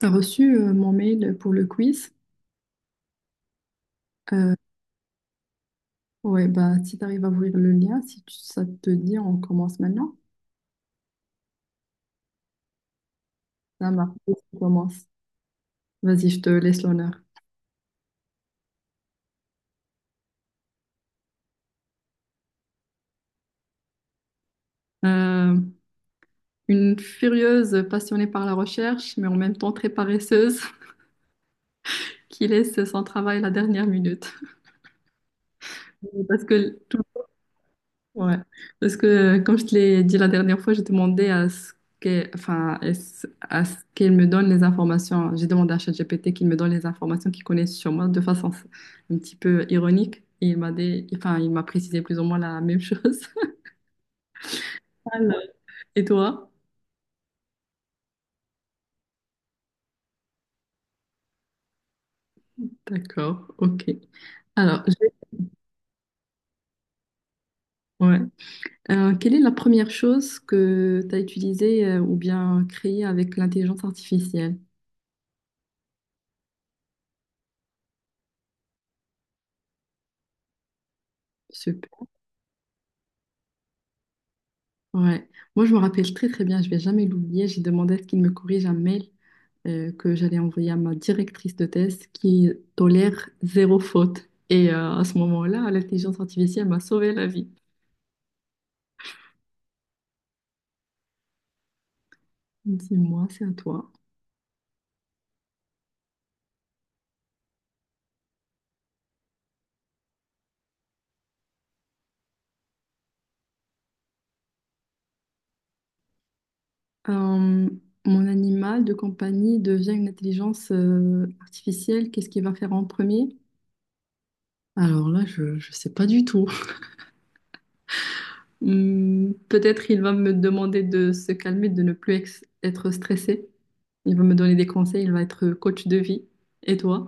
T'as reçu mon mail pour le quiz? Euh, ouais, bah si t'arrives à ouvrir le lien, si ça te dit, on commence maintenant. Ça marche, on commence. Vas-y, je te laisse l'honneur. Euh, une furieuse passionnée par la recherche, mais en même temps très paresseuse, qui laisse son travail à la dernière minute. Parce que tout ouais, parce que comme je te l'ai dit la dernière fois, j'ai demandé à ce qu'elle, enfin, à ce qu'elle me donne les informations. J'ai demandé à ChatGPT qu'il me donne les informations qu'il connaît sur moi de façon un petit peu ironique. Et il m'a dit, enfin, il m'a précisé plus ou moins la même chose. Alors. Et toi? D'accord, ok. Alors, je vais- ouais. Quelle est la première chose que tu as utilisée ou bien créée avec l'intelligence artificielle? Ouais. Moi, je me rappelle très très bien, je vais jamais l'oublier. J'ai demandé à ce qu'il me corrige un mail que j'allais envoyer à ma directrice de thèse qui tolère zéro faute. Et à ce moment-là, l'intelligence artificielle m'a sauvé la vie. Dis-moi, c'est à toi. Euh, Mon animal de compagnie devient une intelligence artificielle. Qu'est-ce qu'il va faire en premier? Alors là, je ne sais pas du tout. Hmm, peut-être il va me demander de se calmer, de ne plus être stressé. Il va me donner des conseils, il va être coach de vie. Et toi?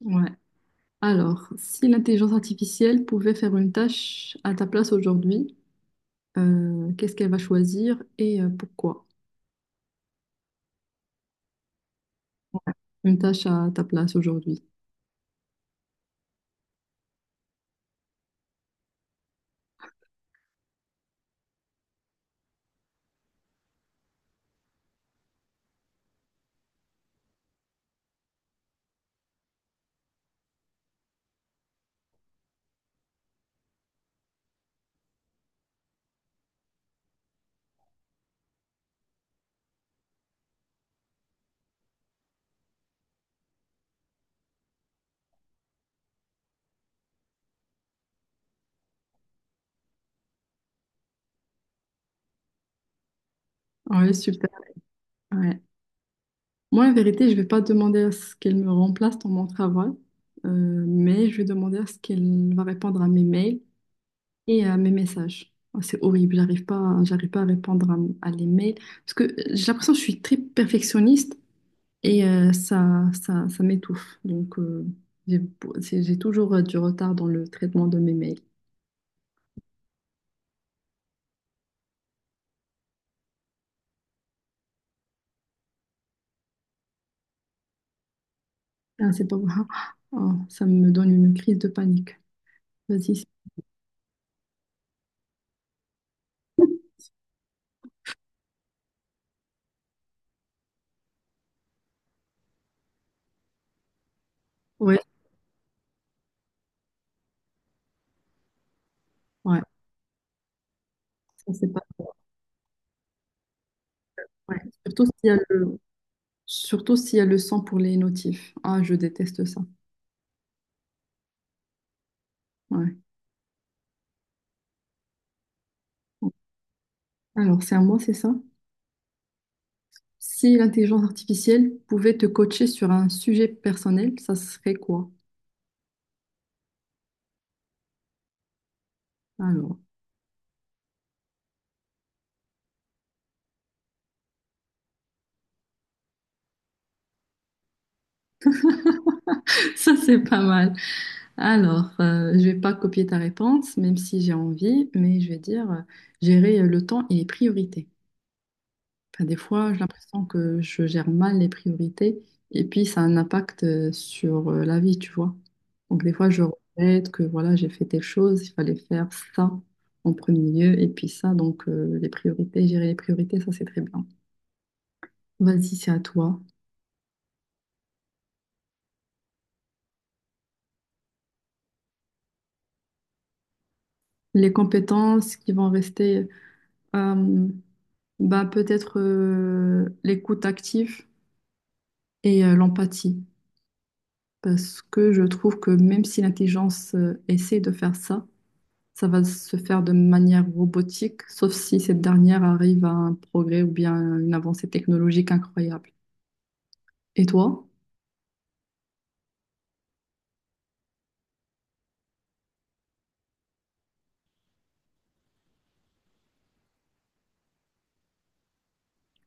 Ouais. Alors, si l'intelligence artificielle pouvait faire une tâche à ta place aujourd'hui, qu'est-ce qu'elle va choisir et pourquoi? Une tâche à ta place aujourd'hui. Ouais, super. Ouais. Moi, en vérité, je vais pas demander à ce qu'elle me remplace dans mon travail, mais je vais demander à ce qu'elle va répondre à mes mails et mes messages. Oh, c'est horrible, j'arrive pas à répondre à les mails parce que j'ai l'impression que je suis très perfectionniste et euh, ça m'étouffe. Donc j'ai j'ai toujours du retard dans le traitement de mes mails. Ah, c'est pas grave. Oh, ça me donne une crise de panique. Vas-y. Ouais, ouais, ça c'est pas. Ouais. Surtout s'il y a surtout s'il y a le sang pour les notifs. Ah, je déteste ça. Ouais. Ouais. Alors c'est à moi, c'est ça? Si l'intelligence artificielle pouvait te coacher sur un sujet personnel, ça serait quoi? Alors, ça c'est pas mal. Alors, je vais pas copier ta réponse, même si j'ai envie, mais je vais dire gérer le temps et les priorités. Enfin, des fois, j'ai l'impression que je gère mal les priorités et puis ça a un impact sur la vie, tu vois. Donc des fois, je regrette que voilà, j'ai fait telle chose, il fallait faire ça en premier lieu et puis ça, donc les priorités, gérer les priorités, ça c'est très bien. Vas-y, c'est à toi. Les compétences qui vont rester, euh, bah, peut-être l'écoute active et l'empathie. Parce que je trouve que même si l'intelligence essaie de faire ça, ça va se faire de manière robotique, sauf si cette dernière arrive à un progrès ou bien une avancée technologique incroyable. Et toi?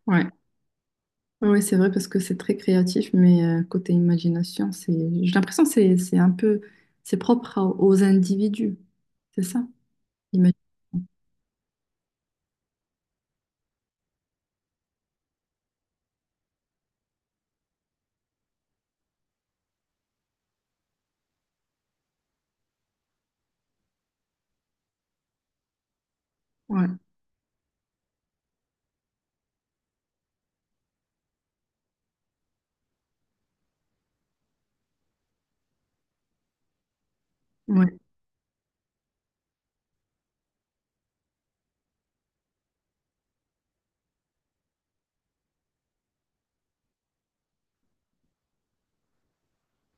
Ouais. Oui, c'est vrai parce que c'est très créatif, mais côté imagination, c'est, j'ai l'impression que c'est un peu, c'est propre aux individus. C'est ça? Il me- ouais, ouais.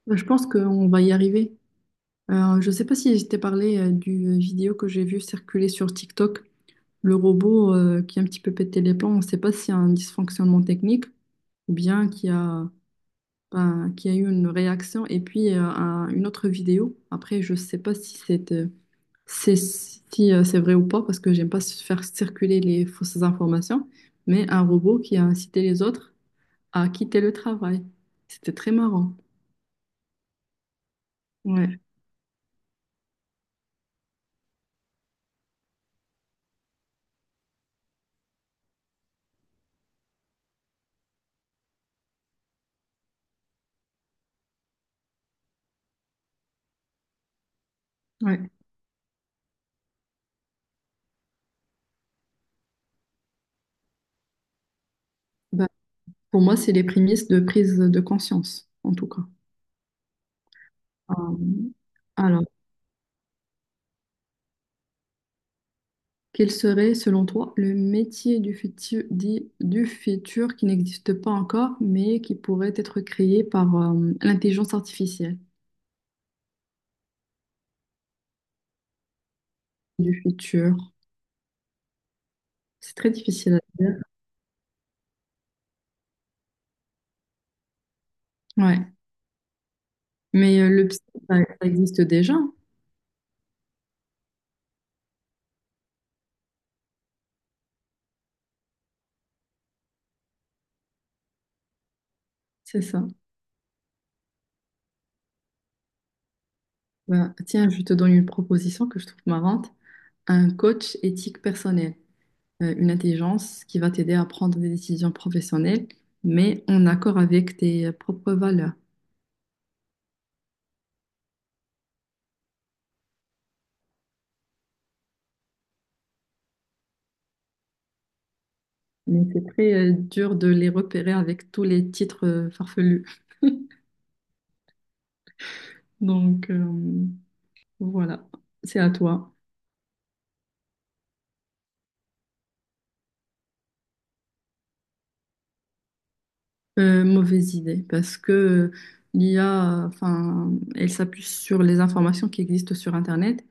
Bah, je pense qu'on va y arriver. Je sais pas si je t'ai parlé du vidéo que j'ai vu circuler sur TikTok, le robot qui a un petit peu pété les plombs. On ne sait pas s'il y a un dysfonctionnement technique ou bien qu'il y a, ben, qu'il y a eu une réaction. Et puis une autre vidéo. Après, je sais pas si c'est c'est- si, c'est vrai ou pas parce que j'aime pas faire circuler les fausses informations. Mais un robot qui a incité les autres à quitter le travail. C'était très marrant. Ouais, ouais. Bah, pour moi, c'est les prémices de prise de conscience, en tout cas. Euh, alors, quel serait, selon toi, le métier du futur, dit, du futur qui n'existe pas encore, mais qui pourrait être créé par l'intelligence artificielle du futur? C'est très difficile à dire. Ouais. Mais le psy, ça, ça existe déjà. C'est ça. Bah, tiens, je te donne une proposition que je trouve marrante. Un coach éthique personnel, une intelligence qui va t'aider à prendre des décisions professionnelles, mais en accord avec tes propres valeurs. Mais c'est très dur de les repérer avec tous les titres farfelus. Donc voilà, c'est à toi. Mauvaise idée, parce que l'IA, enfin, elle s'appuie sur les informations qui existent sur Internet.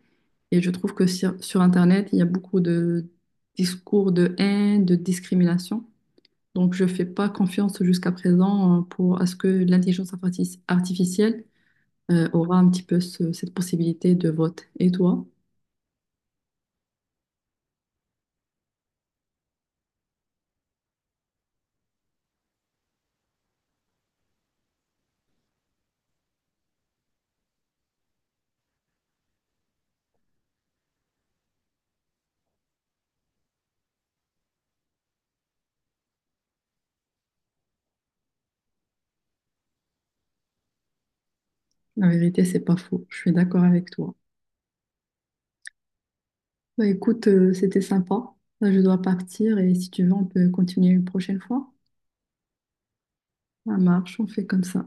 Et je trouve que sur, sur Internet, il y a beaucoup de discours de haine, de discrimination. Donc, je ne fais pas confiance jusqu'à présent pour à ce que l'intelligence artificielle aura un petit peu cette possibilité de vote. Et toi? La vérité, c'est pas faux. Je suis d'accord avec toi. Bah, écoute, c'était sympa. Là, je dois partir et si tu veux, on peut continuer une prochaine fois. Ça marche, on fait comme ça.